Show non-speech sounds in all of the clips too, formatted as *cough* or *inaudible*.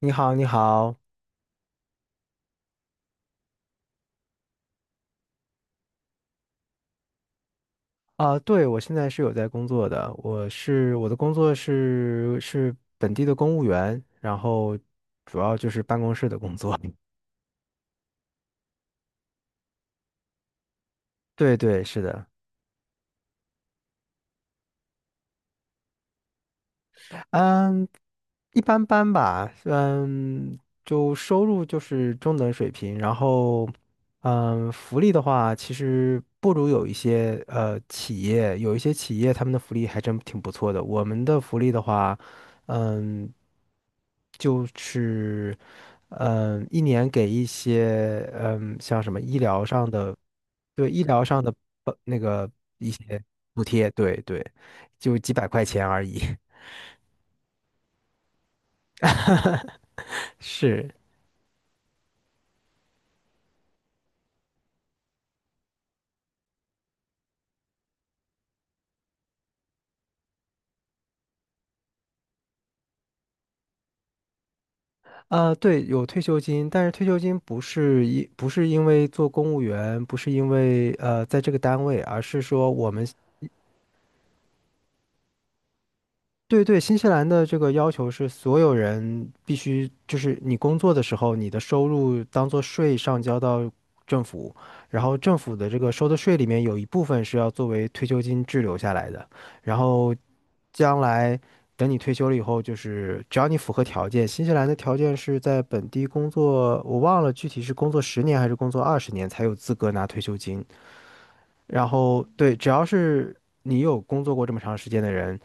你好，你好。啊，对，我现在是有在工作的，我的工作是本地的公务员，然后主要就是办公室的工作。*laughs* 对对，是的。嗯，一般般吧，就收入就是中等水平，然后，福利的话，其实不如有一些企业，有一些企业他们的福利还真挺不错的。我们的福利的话，嗯，就是，一年给一些，像什么医疗上的，对，医疗上的那个一些补贴，对对，就几百块钱而已，*laughs* 是。啊，对，有退休金，但是退休金不是因为做公务员，不是因为在这个单位，而是说我们对对，新西兰的这个要求是所有人必须，就是你工作的时候，你的收入当做税上交到政府，然后政府的这个收的税里面有一部分是要作为退休金滞留下来的，然后将来等你退休了以后，就是只要你符合条件，新西兰的条件是在本地工作，我忘了具体是工作十年还是工作20年才有资格拿退休金，然后对，只要是你有工作过这么长时间的人，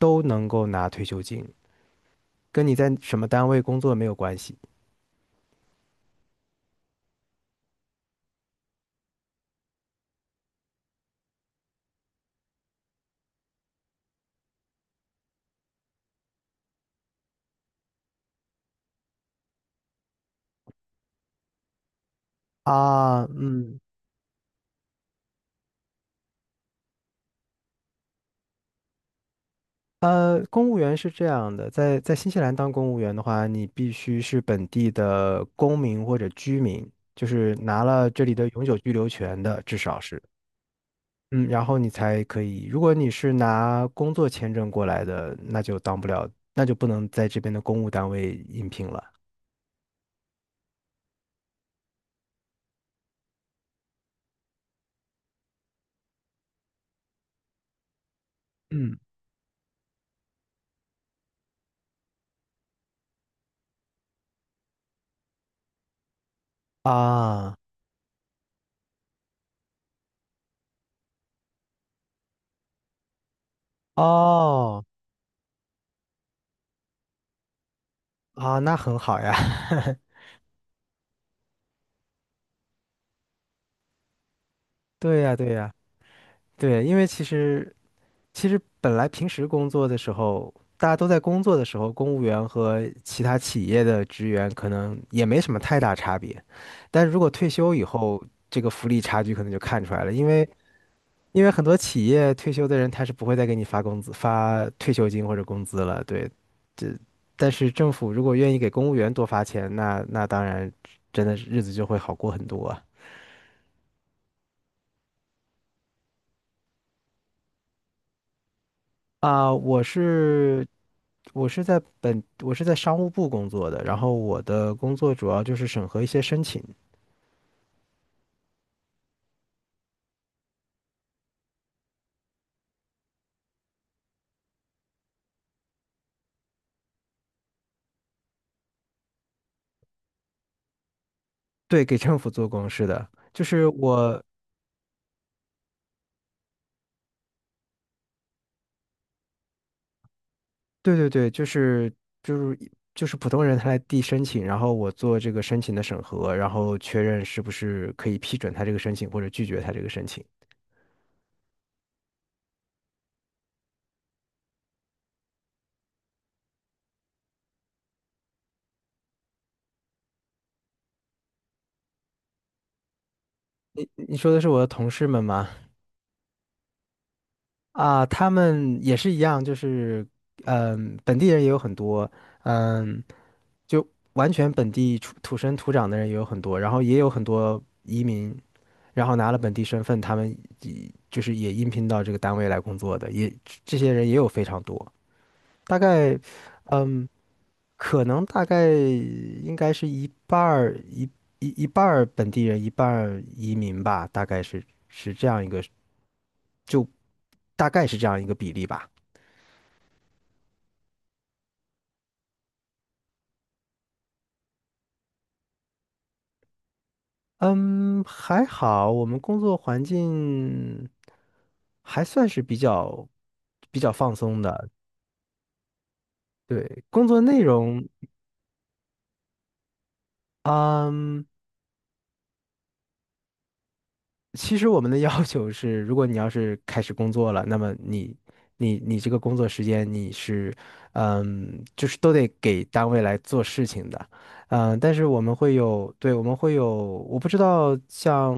都能够拿退休金，跟你在什么单位工作没有关系啊。公务员是这样的，在新西兰当公务员的话，你必须是本地的公民或者居民，就是拿了这里的永久居留权的，至少是。嗯，然后你才可以。如果你是拿工作签证过来的，那就当不了，那就不能在这边的公务单位应聘了。嗯啊，哦啊，那很好呀。*laughs* 对呀，对呀。对，因为其实本来平时工作的时候，大家都在工作的时候，公务员和其他企业的职员可能也没什么太大差别。但如果退休以后，这个福利差距可能就看出来了，因为很多企业退休的人他是不会再给你发工资、发退休金或者工资了。对，这但是政府如果愿意给公务员多发钱，那当然真的是日子就会好过很多啊。啊，我是在商务部工作的，然后我的工作主要就是审核一些申请，对，给政府做公示的，就是我，对对对，就是就是普通人他来递申请，然后我做这个申请的审核，然后确认是不是可以批准他这个申请或者拒绝他这个申请。你说的是我的同事们吗？啊，他们也是一样，就是本地人也有很多。嗯。就完全本地出土生土长的人也有很多，然后也有很多移民，然后拿了本地身份，他们也就是也应聘到这个单位来工作的，也这些人也有非常多，大概，嗯，可能大概应该是一半儿本地人，一半儿移民吧，大概是这样一个，就大概是这样一个比例吧。嗯，还好，我们工作环境还算是比较放松的。对，工作内容，嗯。其实我们的要求是，如果你要是开始工作了，那么你这个工作时间你是，就是都得给单位来做事情的，但是我们会有，对，我们会有，我不知道像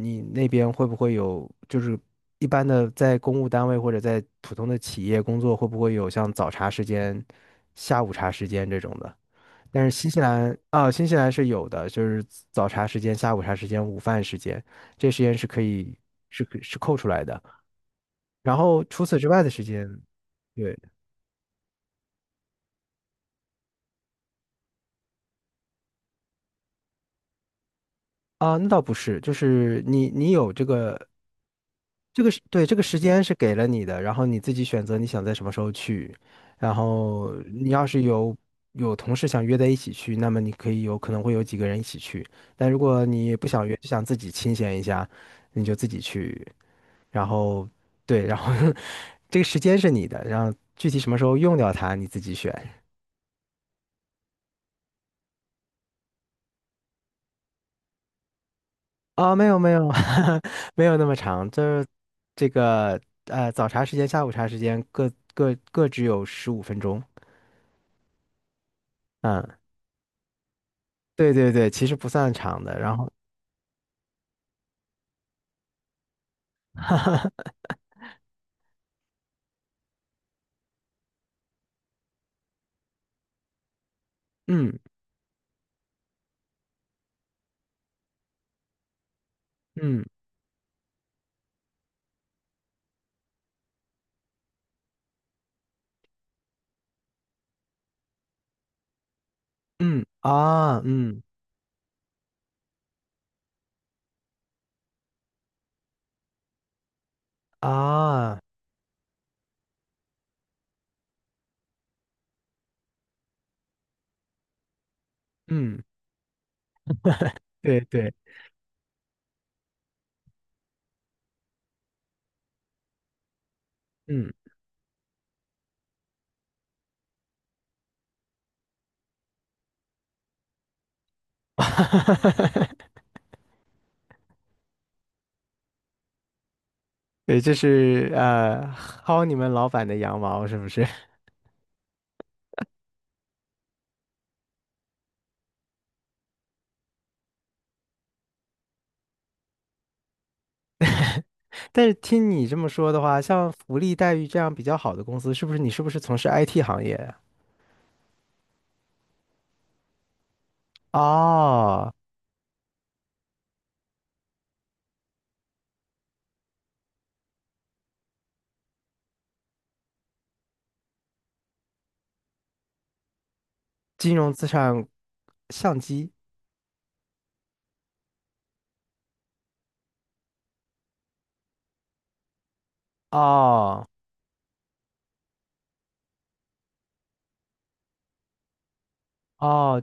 你那边会不会有，就是一般的在公务单位或者在普通的企业工作，会不会有像早茶时间、下午茶时间这种的？但是新西兰啊，新西兰是有的，就是早茶时间、下午茶时间、午饭时间，这时间是可以是可是扣出来的。然后除此之外的时间，对啊，那倒不是，就是你有这个时间是给了你的，然后你自己选择你想在什么时候去，然后你要是有同事想约在一起去，那么你可以有可能会有几个人一起去，但如果你不想约，就想自己清闲一下，你就自己去。然后对，然后 *laughs* 这个时间是你的，然后具体什么时候用掉它你自己选。啊，没有没有 *laughs* 没有那么长，就是这个早茶时间、下午茶时间各只有15分钟。嗯，对对对，其实不算长的。然后嗯嗯嗯啊嗯啊嗯，对对嗯对，这是薅你们老板的羊毛是不是？*laughs* 但是听你这么说的话，像福利待遇这样比较好的公司，你是不是从事 IT 行业啊？哦，金融资产相机。哦哦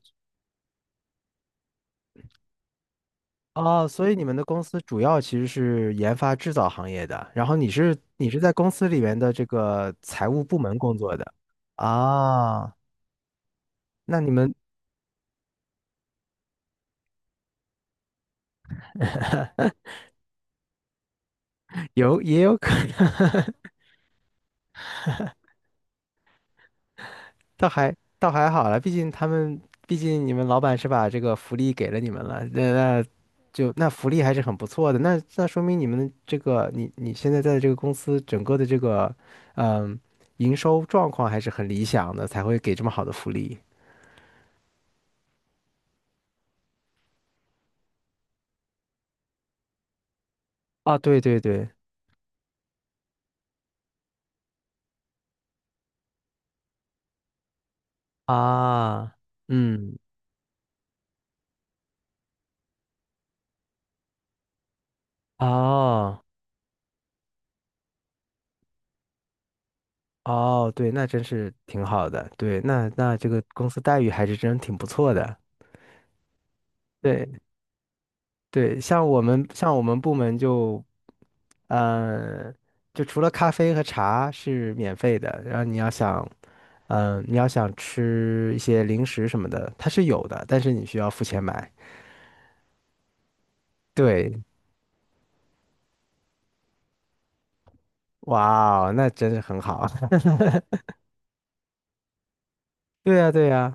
哦，所以你们的公司主要其实是研发制造行业的，然后你是在公司里面的这个财务部门工作的。啊，那你们也有可能。*laughs* 倒还好了，毕竟你们老板是把这个福利给了你们了，那那福利还是很不错的，那说明你们这个你现在在这个公司整个的这个嗯营收状况还是很理想的，才会给这么好的福利。啊，对对对，啊，嗯，哦哦，对，那真是挺好的，对，那这个公司待遇还是真挺不错的。对对，像我们部门嗯，就除了咖啡和茶是免费的，然后你要想吃一些零食什么的，它是有的，但是你需要付钱买。对，哇哦，那真的很好。*laughs* 对呀，对呀，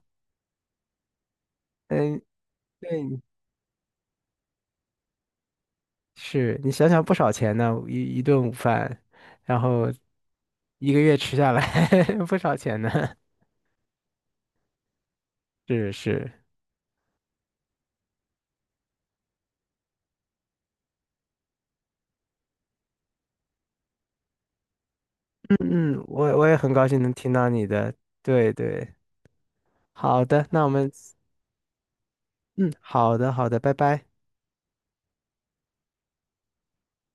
嗯，对，是你想想不少钱呢，一顿午饭，然后一个月吃下来 *laughs* 不少钱呢。是是，嗯嗯，我也很高兴能听到你的，对对，好的，那我们，嗯，好的好的，拜拜。